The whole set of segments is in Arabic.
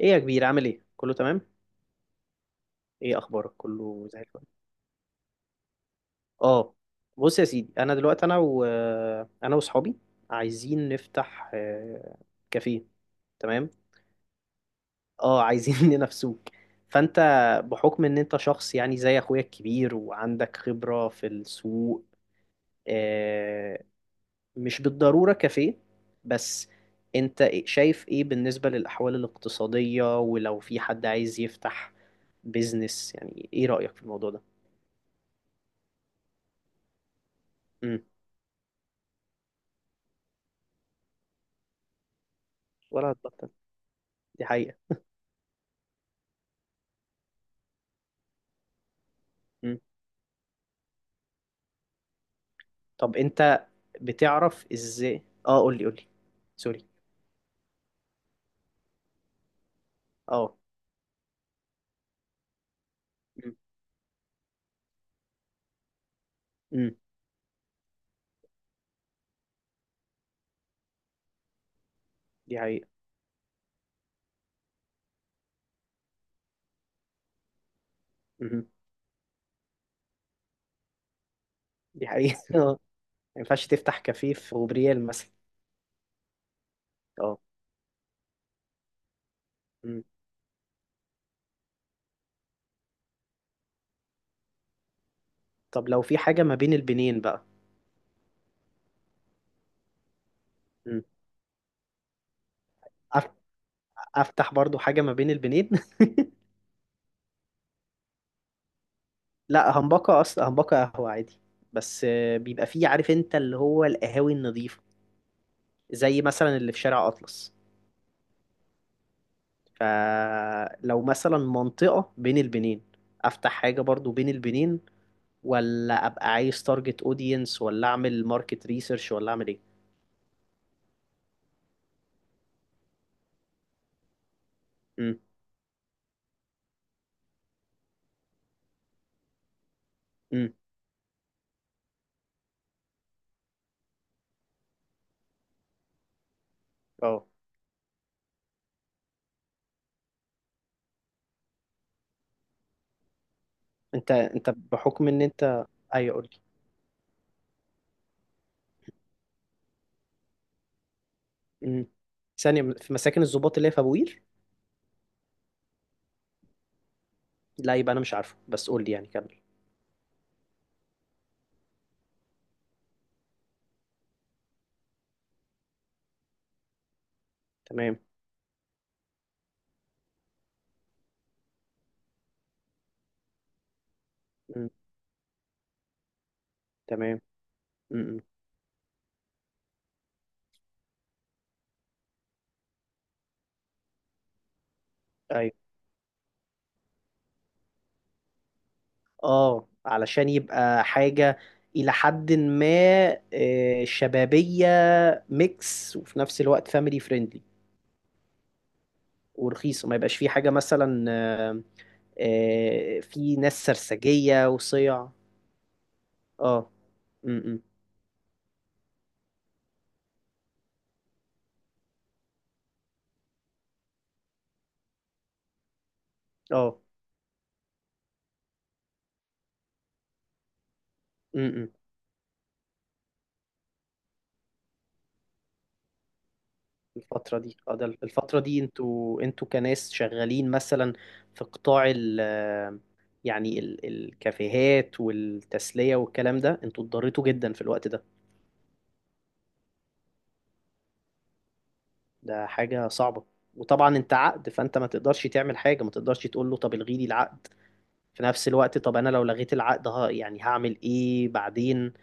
ايه يا كبير، عامل ايه؟ كله تمام؟ ايه اخبارك؟ كله زي الفل. اه. بص يا سيدي، انا دلوقتي انا واصحابي عايزين نفتح كافيه. تمام. اه، عايزين ننافسوك. فانت، بحكم ان انت شخص يعني زي اخويا الكبير وعندك خبرة في السوق، آه، مش بالضرورة كافيه، بس انت شايف ايه بالنسبة للاحوال الاقتصادية؟ ولو في حد عايز يفتح بيزنس، يعني ايه رأيك في الموضوع ده؟ إمم. ولا هتبطل. دي حقيقة. مم. طب انت بتعرف ازاي؟ اه قول لي، قول لي. سوري. اه. مم. مم. دي حقيقة. مم. دي حقيقة اه، ما ينفعش تفتح كافيه في غبريال مثلا. اه. مم. طب لو في حاجة ما بين البنين بقى؟ مم. أف- افتح برضو حاجة ما بين البنين لا، همبكة اصلا، همبكة قهوة عادي، بس بيبقى فيه، عارف انت، اللي هو القهاوي النظيفة، زي مثلا اللي في شارع اطلس. فلو مثلا منطقة بين البنين، افتح حاجة برضو بين البنين، ولا ابقى عايز تارجت اودينس، ولا اعمل ماركت ريسيرش، ولا اعمل ايه؟ امم. امم. اه. انت بحكم ان انت. ايوه قول لي. امم. ثانيه، في مساكن الضباط اللي هي في ابو قير؟ لا يبقى انا مش عارفه، بس قول لي يعني، كمل. تمام. امم. تمام. امم. إمم. ايوه. اه، علشان يبقى حاجه الى حد ما شبابيه، ميكس، وفي نفس الوقت فاميلي فريندلي. ورخيصه، ما يبقاش فيه حاجه مثلا، آمم، في ناس سرسجية وصيع. اه. امم. اه. امم. الفترة دي، اه ده الفترة دي انتوا كناس شغالين مثلا في قطاع يعني الكافيهات والتسلية والكلام ده، انتوا اتضريتوا جدا في الوقت ده؟ ده حاجة صعبة. وطبعا انت عقد، فانت ما تقدرش تعمل حاجة، ما تقدرش تقول له طب الغي لي العقد. في نفس الوقت، طب انا لو لغيت العقد، ها، يعني هعمل ايه بعدين؟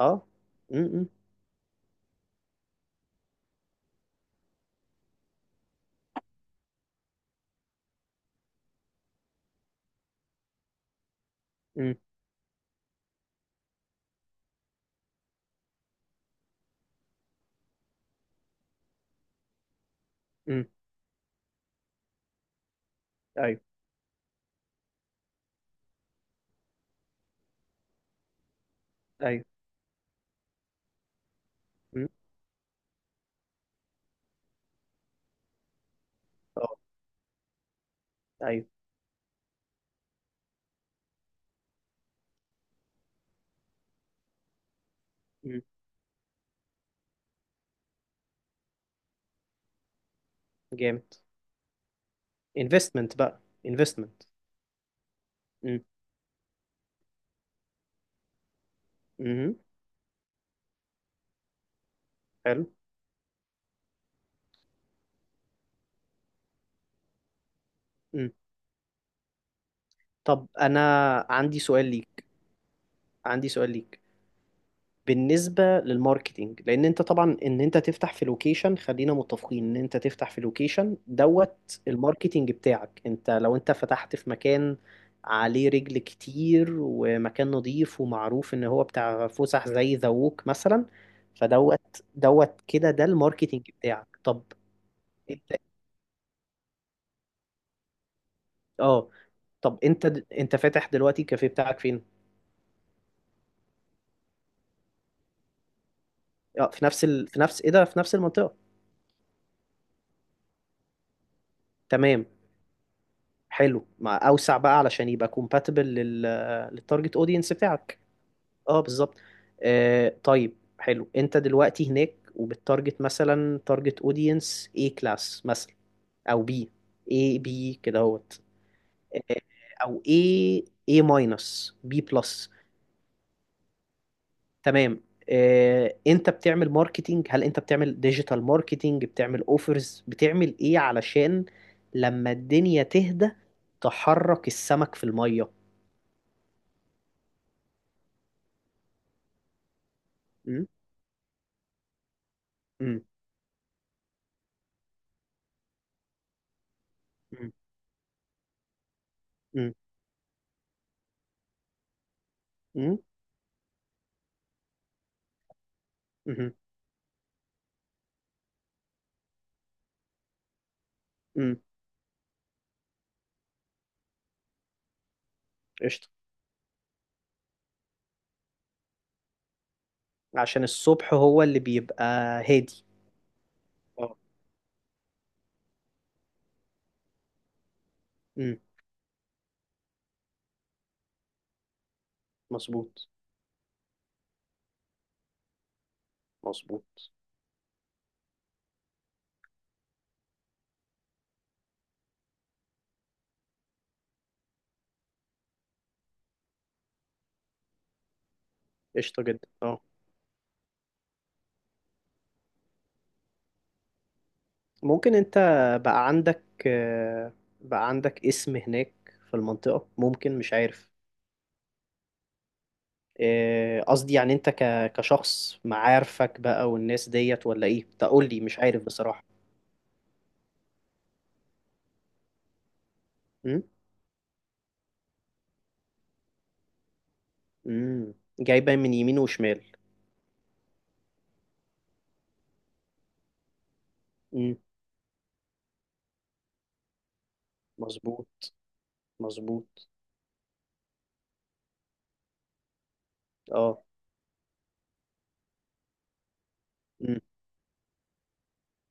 اه. امم. امم. امم. ايوه. ايوه. مم. اه. ايوه. مم. جامد. انفستمنت بقى، انفستمنت. مم. مم. حلو. مم. طب انا عندي سؤال ليك، عندي سؤال ليك. بالنسبة للماركتينج، لان انت طبعا، ان انت تفتح في لوكيشن، خلينا متفقين ان انت تفتح في لوكيشن دوت، الماركتينج بتاعك، انت لو انت فتحت في مكان عليه رجل كتير ومكان نظيف ومعروف ان هو بتاع فسح زي ذا ووك مثلا، فدوت دوت كده، ده الماركتينج بتاعك. طب اه، طب انت انت فاتح دلوقتي الكافيه بتاعك فين؟ اه، في نفس ال... في نفس ايه ده في نفس المنطقة. تمام. حلو، مع اوسع بقى علشان يبقى كومباتبل للتارجت اودينس بتاعك. اه بالظبط. طيب. حلو، انت دلوقتي هناك، وبتارجت مثلا تارجت اودينس اي كلاس مثلا، او بي، اي بي كده اهوت. آه، او اي، اي ماينس، بي بلس. تمام. انت بتعمل ماركتينج، هل انت بتعمل ديجيتال ماركتينج، بتعمل اوفرز، بتعمل ايه علشان لما الدنيا تهدى، تحرك السمك في المية؟ م؟ م-. م-. م-. م-. م-. م-. قشطة. عشان الصبح هو اللي بيبقى هادي. اه. م،. مظبوط. مظبوط. قشطة جدا، اه. ممكن انت بقى عندك آه، بقى عندك اسم هناك في المنطقة، ممكن، مش عارف. إيه، قصدي يعني انت كشخص، معارفك بقى والناس ديت، ولا ايه؟ تقول لي، مش عارف بصراحة. امم. امم. جايبة من يمين وشمال. امم. مظبوط. مظبوط. اه. امم.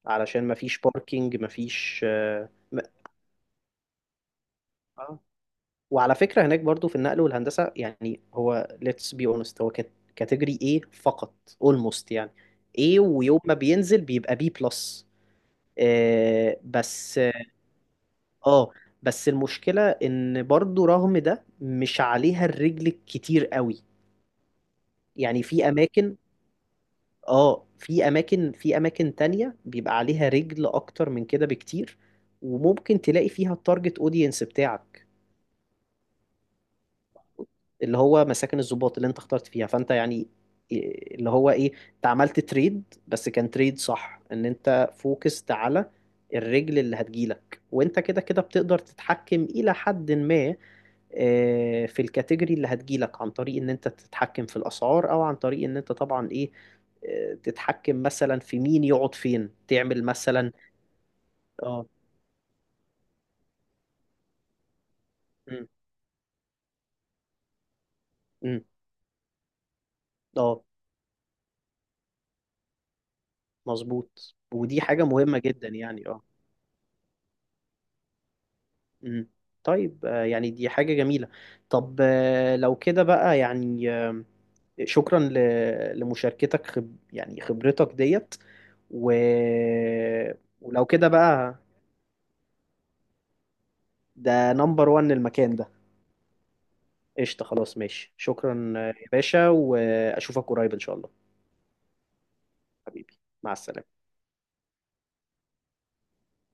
علشان مفيش باركينج، مفيش اه. وعلى فكرة هناك برضو في النقل والهندسة، يعني هو let's be honest، هو كاتيجوري ايه فقط، almost يعني. ايه، ويوم ما بينزل بيبقى بي بلس، بس. اه. بس المشكلة ان برضو رغم ده مش عليها الرجل الكتير قوي. يعني في اماكن. اه. في اماكن تانية بيبقى عليها رجل اكتر من كده بكتير، وممكن تلاقي فيها التارجت اودينس بتاعك، اللي هو مساكن الضباط اللي انت اخترت فيها. فانت يعني إيه- اللي هو ايه، انت عملت تريد، بس كان تريد صح ان انت فوكست على الرجل اللي هتجيلك. وانت كده كده بتقدر تتحكم الى حد ما في الكاتيجوري اللي هتجيلك، عن طريق ان انت تتحكم في الاسعار، او عن طريق ان انت طبعا ايه، تتحكم مثلا في مين يقعد فين، تعمل مثلا. اه. أم،. أم،. اه. مظبوط، ودي حاجة مهمة جدا يعني، اه. أم. طيب، يعني دي حاجة جميلة. طب، لو كده بقى يعني شكرا لمشاركتك، خب يعني خبرتك ديت و... ولو كده بقى، ده نمبر وان المكان ده. قشطة، خلاص ماشي. شكرا يا باشا، وأشوفك قريب إن شاء الله. حبيبي. مع السلامة.